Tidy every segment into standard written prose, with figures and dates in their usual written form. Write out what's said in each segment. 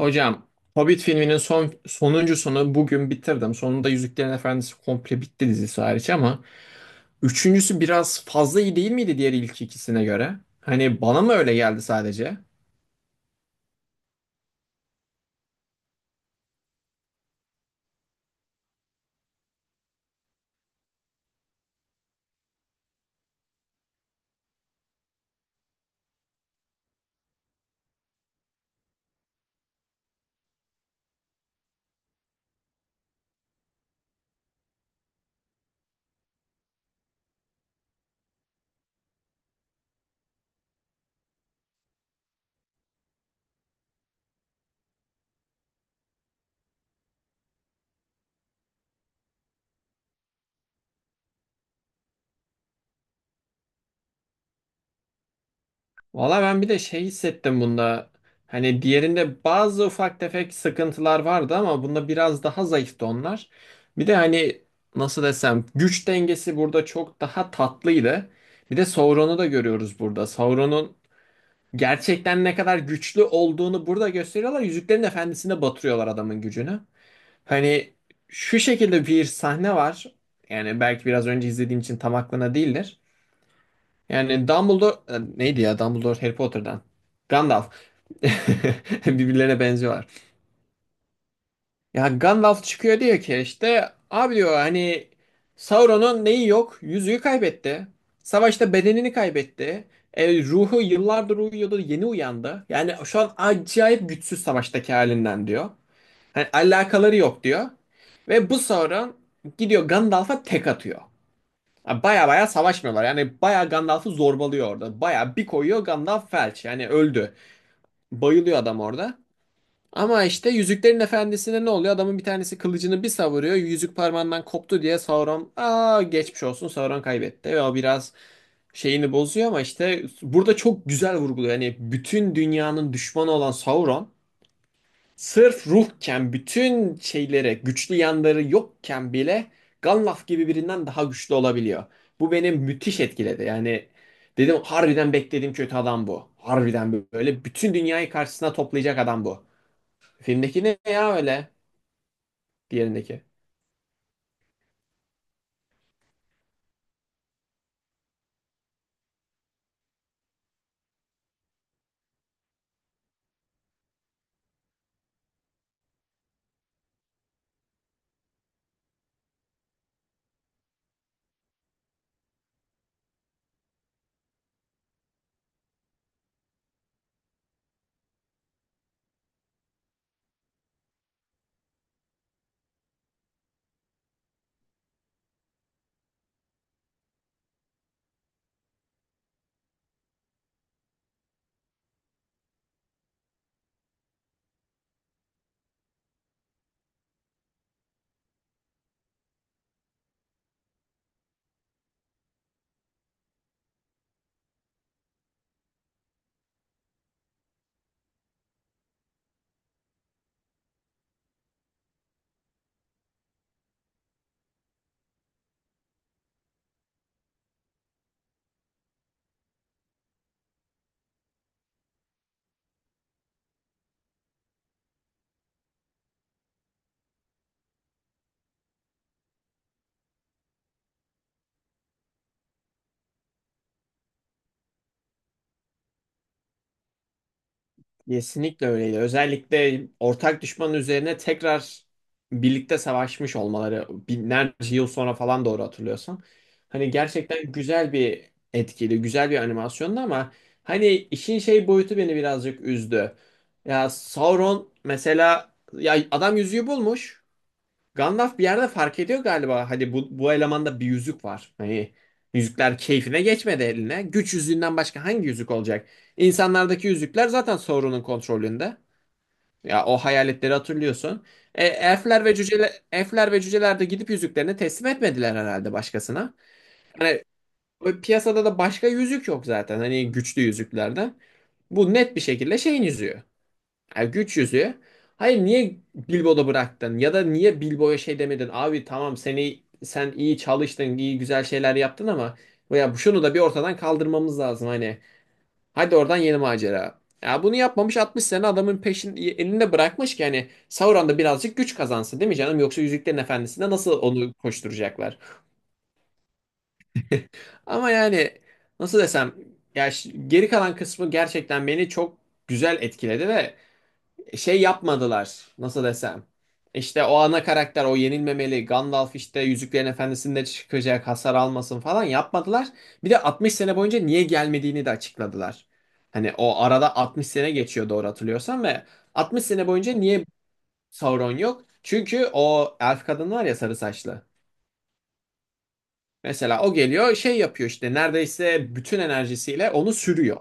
Hocam, Hobbit filminin sonuncusunu bugün bitirdim. Sonunda Yüzüklerin Efendisi komple bitti, dizisi hariç ama üçüncüsü biraz fazla iyi değil miydi diğer ilk ikisine göre? Hani bana mı öyle geldi sadece? Valla ben bir de şey hissettim bunda. Hani diğerinde bazı ufak tefek sıkıntılar vardı ama bunda biraz daha zayıftı onlar. Bir de hani nasıl desem, güç dengesi burada çok daha tatlıydı. Bir de Sauron'u da görüyoruz burada. Sauron'un gerçekten ne kadar güçlü olduğunu burada gösteriyorlar. Yüzüklerin Efendisi'nde batırıyorlar adamın gücünü. Hani şu şekilde bir sahne var. Yani belki biraz önce izlediğim için tam aklına değildir. Yani Dumbledore neydi ya, Dumbledore Harry Potter'dan. Gandalf. Birbirlerine benziyorlar. Ya Gandalf çıkıyor diyor ki, işte abi diyor hani, Sauron'un neyi yok? Yüzüğü kaybetti. Savaşta bedenini kaybetti. Ruhu yıllardır uyuyordu, yeni uyandı. Yani şu an acayip güçsüz savaştaki halinden diyor. Hani alakaları yok diyor. Ve bu Sauron gidiyor Gandalf'a tek atıyor. Ha, baya baya savaşmıyorlar. Yani baya Gandalf'ı zorbalıyor orada. Baya bir koyuyor, Gandalf felç. Yani öldü. Bayılıyor adam orada. Ama işte Yüzüklerin Efendisi'nde ne oluyor? Adamın bir tanesi kılıcını bir savuruyor. Yüzük parmağından koptu diye Sauron, aa geçmiş olsun, Sauron kaybetti. Ve o biraz şeyini bozuyor ama işte burada çok güzel vurguluyor. Yani bütün dünyanın düşmanı olan Sauron sırf ruhken, bütün şeylere güçlü yanları yokken bile Gandalf gibi birinden daha güçlü olabiliyor. Bu beni müthiş etkiledi. Yani dedim harbiden beklediğim kötü adam bu. Harbiden böyle bütün dünyayı karşısına toplayacak adam bu. Filmdeki ne ya öyle? Diğerindeki. Kesinlikle öyleydi. Özellikle ortak düşmanın üzerine tekrar birlikte savaşmış olmaları binlerce yıl sonra falan, doğru hatırlıyorsam. Hani gerçekten güzel bir etkili, güzel bir animasyondu ama hani işin şey boyutu beni birazcık üzdü. Ya Sauron mesela, ya adam yüzüğü bulmuş. Gandalf bir yerde fark ediyor galiba. Hadi bu elemanda bir yüzük var. Hani yüzükler keyfine geçmedi eline. Güç yüzüğünden başka hangi yüzük olacak? İnsanlardaki yüzükler zaten Sauron'un kontrolünde. Ya o hayaletleri hatırlıyorsun. Elfler ve cüceler, elfler ve cüceler, de gidip yüzüklerini teslim etmediler herhalde başkasına. Hani o piyasada da başka yüzük yok zaten. Hani güçlü yüzüklerde. Bu net bir şekilde şeyin yüzüğü. Ya güç yüzüğü. Hayır, niye Bilbo'da bıraktın? Ya da niye Bilbo'ya şey demedin? Abi tamam, seni sen iyi çalıştın, iyi güzel şeyler yaptın ama ya şunu da bir ortadan kaldırmamız lazım hani. Hadi oradan yeni macera. Ya bunu yapmamış, 60 sene adamın peşin elinde bırakmış ki hani Sauron da birazcık güç kazansın değil mi canım? Yoksa Yüzüklerin Efendisi'nde nasıl onu koşturacaklar? Ama yani nasıl desem, geri kalan kısmı gerçekten beni çok güzel etkiledi ve şey yapmadılar. Nasıl desem? İşte o ana karakter o yenilmemeli. Gandalf işte Yüzüklerin Efendisi'nde çıkacak, hasar almasın falan yapmadılar. Bir de 60 sene boyunca niye gelmediğini de açıkladılar. Hani o arada 60 sene geçiyor doğru hatırlıyorsam ve 60 sene boyunca niye Sauron yok? Çünkü o elf kadın var ya sarı saçlı. Mesela o geliyor şey yapıyor, işte neredeyse bütün enerjisiyle onu sürüyor.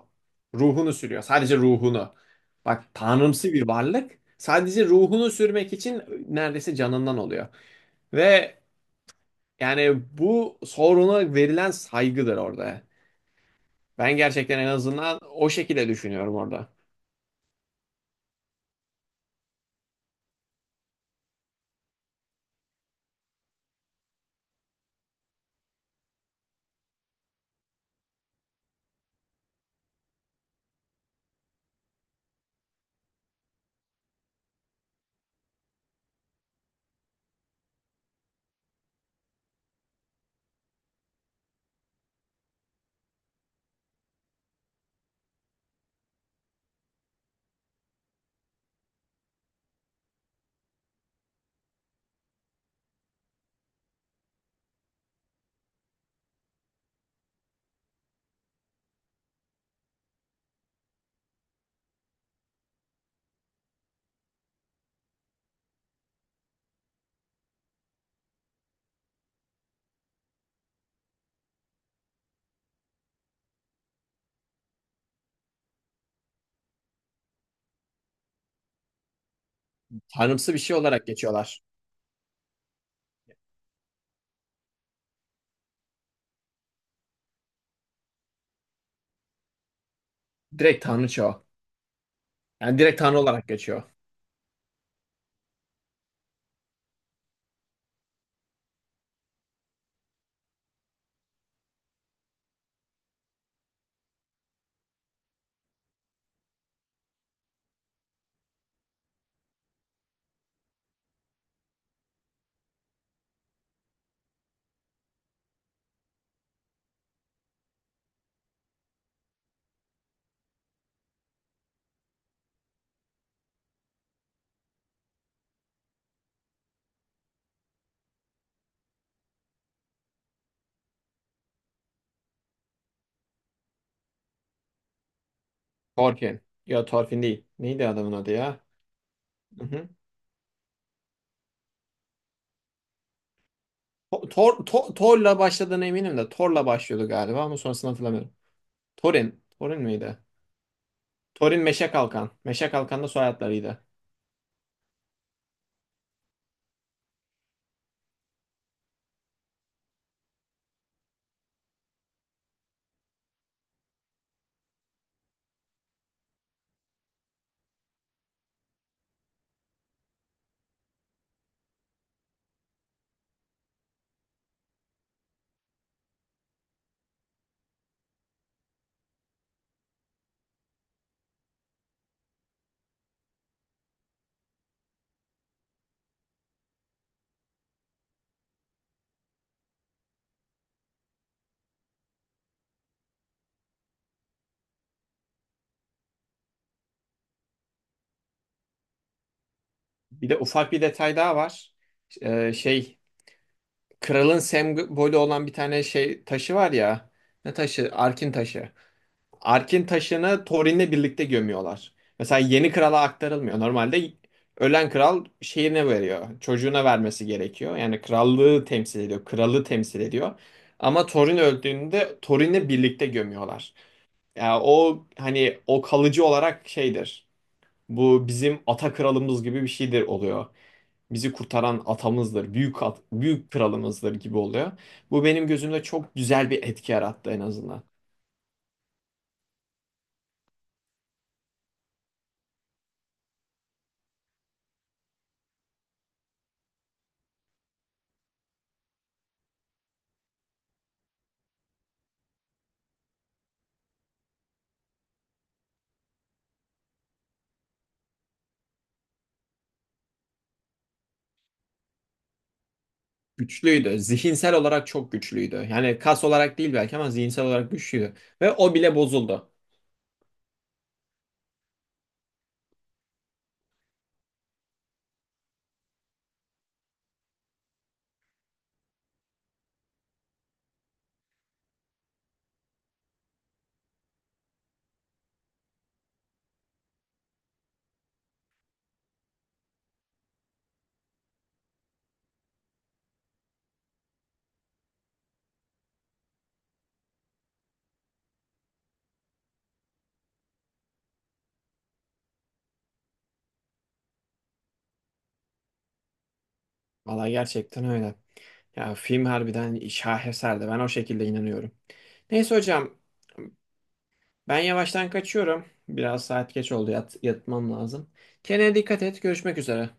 Ruhunu sürüyor. Sadece ruhunu. Bak, tanrımsı bir varlık. Sadece ruhunu sürmek için neredeyse canından oluyor. Ve yani bu soruna verilen saygıdır orada. Ben gerçekten en azından o şekilde düşünüyorum orada. Tanrımsı bir şey olarak geçiyorlar. Direkt tanrıça o. Yani direkt tanrı olarak geçiyor. Thorfinn. Yok, Thorfinn değil. Neydi adamın adı ya? Tor, Tor'la başladığına eminim de, Tor'la başlıyordu galiba ama sonrasını hatırlamıyorum. Torin. Torin miydi? Torin Meşe Kalkan. Meşe Kalkan da soyadlarıydı. Bir de ufak bir detay daha var. Şey, kralın sembolü olan bir tane şey taşı var ya. Ne taşı? Arkin taşı. Ark'in taşını Thorin'le birlikte gömüyorlar. Mesela yeni krala aktarılmıyor. Normalde ölen kral şeyine veriyor. Çocuğuna vermesi gerekiyor. Yani krallığı temsil ediyor. Kralı temsil ediyor. Ama Thorin öldüğünde Thorin'le birlikte gömüyorlar. Yani o hani o kalıcı olarak şeydir. Bu bizim ata kralımız gibi bir şeydir oluyor. Bizi kurtaran atamızdır, büyük büyük kralımızdır gibi oluyor. Bu benim gözümde çok güzel bir etki yarattı en azından. Güçlüydü. Zihinsel olarak çok güçlüydü. Yani kas olarak değil belki ama zihinsel olarak güçlüydü. Ve o bile bozuldu. Valla gerçekten öyle. Ya film harbiden şaheserdi. Ben o şekilde inanıyorum. Neyse hocam, ben yavaştan kaçıyorum. Biraz saat geç oldu. Yatmam lazım. Kendine dikkat et. Görüşmek üzere.